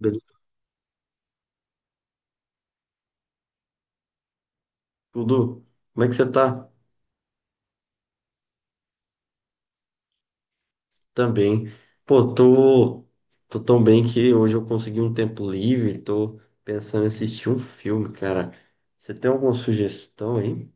Beleza, tudo? Como é que você tá? Também. Pô, tô, tô tão bem que hoje eu consegui um tempo livre, tô pensando em assistir um filme, cara. Você tem alguma sugestão aí?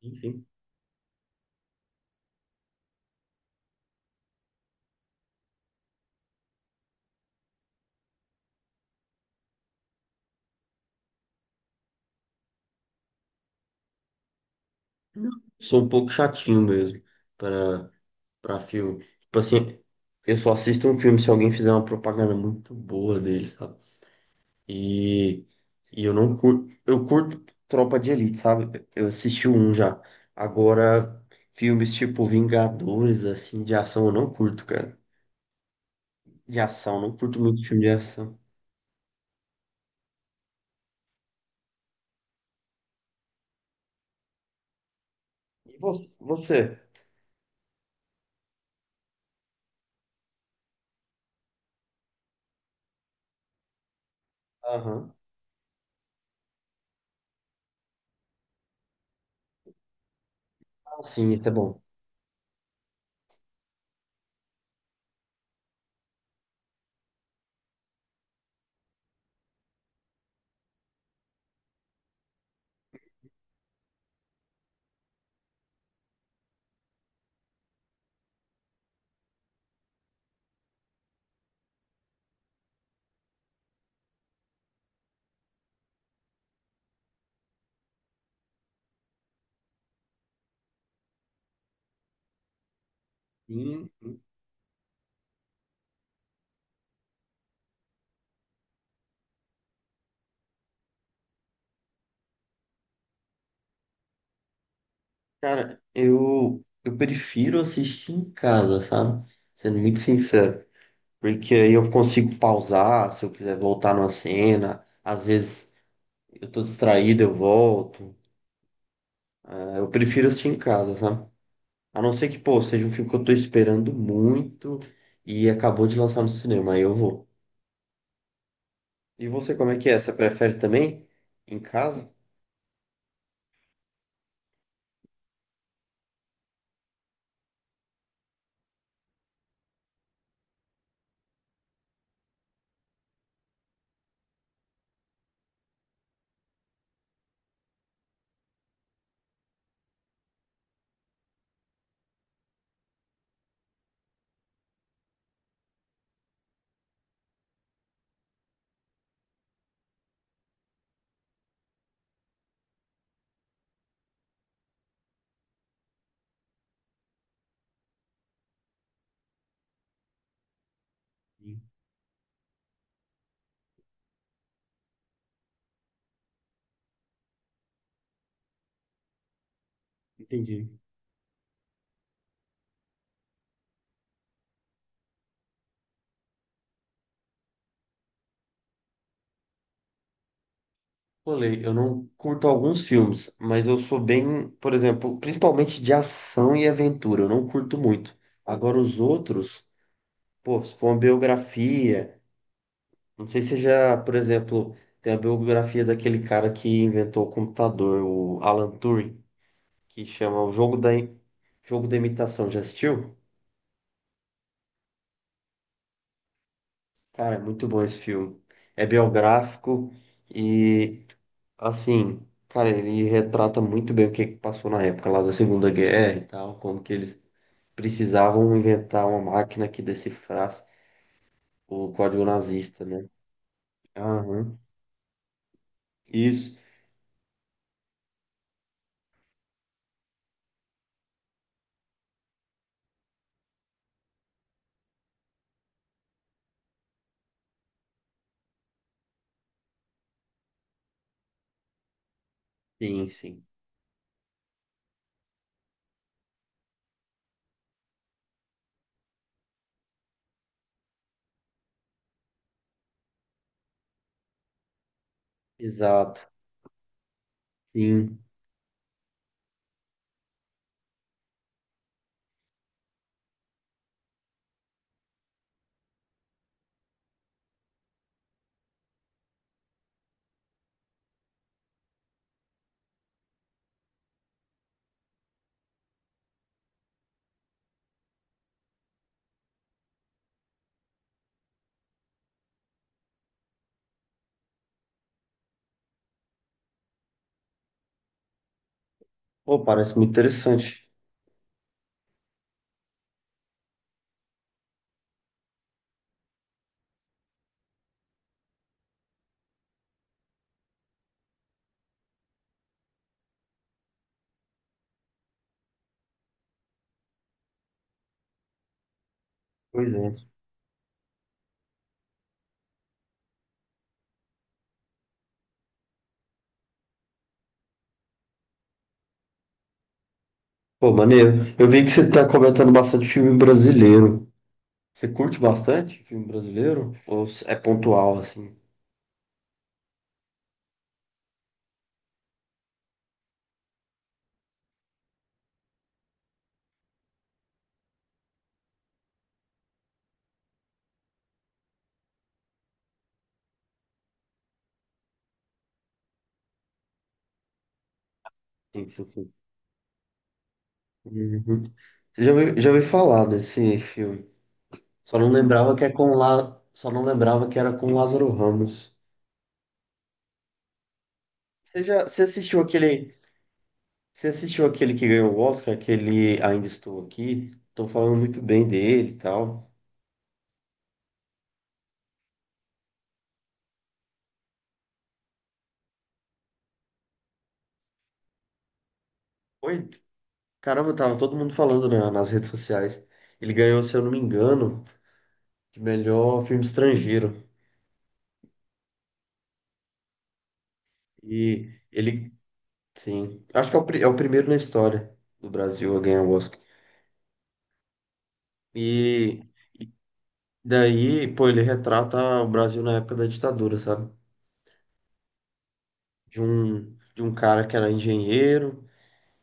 Sim, sim. Sou um pouco chatinho mesmo para para filme. Tipo assim, eu só assisto um filme se alguém fizer uma propaganda muito boa dele, sabe? E, e eu não curto, eu curto Tropa de Elite, sabe? Eu assisti um já. Agora, filmes tipo Vingadores, assim, de ação, eu não curto, cara. De ação, não curto muito filme de ação. E vo- Você? Aham. Ah, sim, isso é bom. Sim, sim. Cara, eu prefiro assistir em casa, sabe? Sendo muito sincero. Porque aí eu consigo pausar se eu quiser voltar numa cena. Às vezes eu tô distraído, eu volto. Ah, eu prefiro assistir em casa, sabe? A não ser que, pô, seja um filme que eu tô esperando muito e acabou de lançar no cinema, aí eu vou. E você, como é que é? Você prefere também em casa? Sim, entendi. Falei, eu não curto alguns filmes, mas eu sou bem, por exemplo, principalmente de ação e aventura, eu não curto muito. Agora os outros, pô, se for uma biografia, não sei se já, por exemplo, tem a biografia daquele cara que inventou o computador, o Alan Turing, que chama O Jogo da, Jogo da Imitação. Já assistiu? Cara, é muito bom esse filme. É biográfico e, assim, cara, ele retrata muito bem o que que passou na época lá da Segunda Guerra e tal, como que eles precisavam inventar uma máquina que decifrasse o código nazista, né? Aham, isso. Sim, sim. Exato. Sim. Pô, parece muito interessante. Pois é. Pô, maneiro. Eu vi que você tá comentando bastante filme brasileiro. Você curte bastante filme brasileiro? Ou é pontual, assim? Sim, sim, sim. Uhum. Você já ouviu, já ouvi falar desse filme. Só não lembrava que é com lá, só não lembrava que era com Lázaro Ramos. Você já, você assistiu aquele que ganhou o Oscar, aquele Ainda Estou Aqui? Estão falando muito bem dele e tal. Oi, caramba, tava todo mundo falando nas redes sociais. Ele ganhou, se eu não me engano, de melhor filme estrangeiro. E ele sim. Acho que é o primeiro na história do Brasil a ganhar o Oscar. E daí, pô, ele retrata o Brasil na época da ditadura, sabe? De um cara que era engenheiro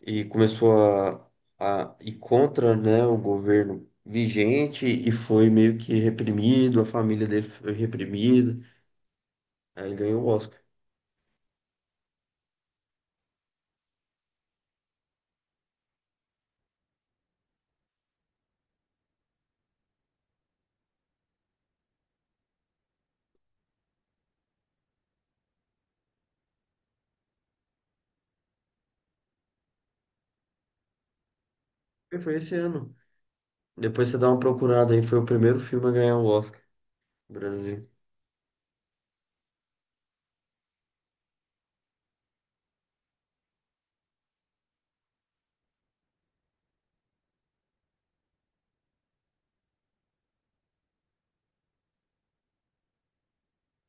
e começou a ir contra, né, o governo vigente e foi meio que reprimido, a família dele foi reprimida. Aí ele ganhou o Oscar. E foi esse ano. Depois você dá uma procurada aí, foi o primeiro filme a ganhar o Oscar no Brasil.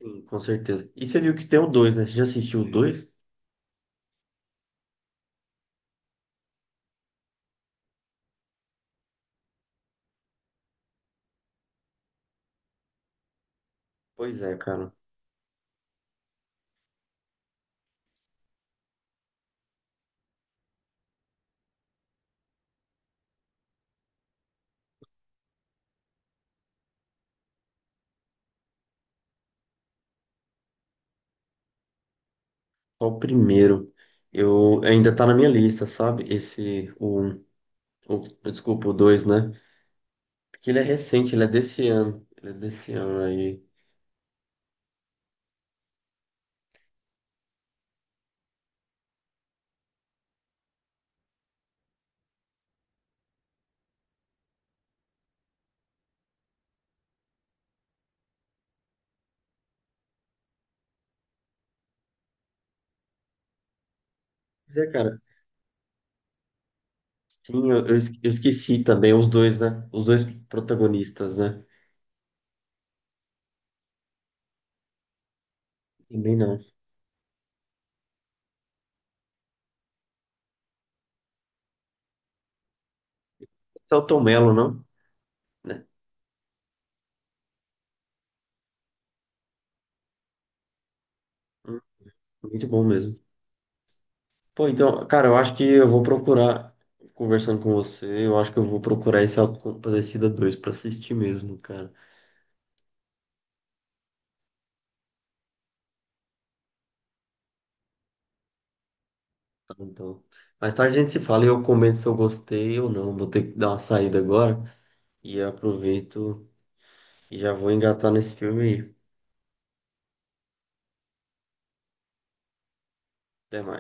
Sim, com certeza. E você viu que tem o dois, né? Você já assistiu o dois? Pois é, cara. Só o primeiro. Eu ainda tá na minha lista, sabe? Esse, o, um- o desculpa, o dois, né? Porque ele é recente, ele é desse ano. Ele é desse ano aí. Pois é, cara. Sim, eu esqueci também os dois, né? Os dois protagonistas, né? Também não. É o Tom Mello, não? Né? Hum, muito bom mesmo. Pô, então, cara, eu acho que eu vou procurar, conversando com você, eu acho que eu vou procurar esse Auto da Compadecida dois pra assistir mesmo, cara. Então, mais tarde a gente se fala e eu comento se eu gostei ou não. Vou ter que dar uma saída agora e eu aproveito e já vou engatar nesse filme aí. Até mais.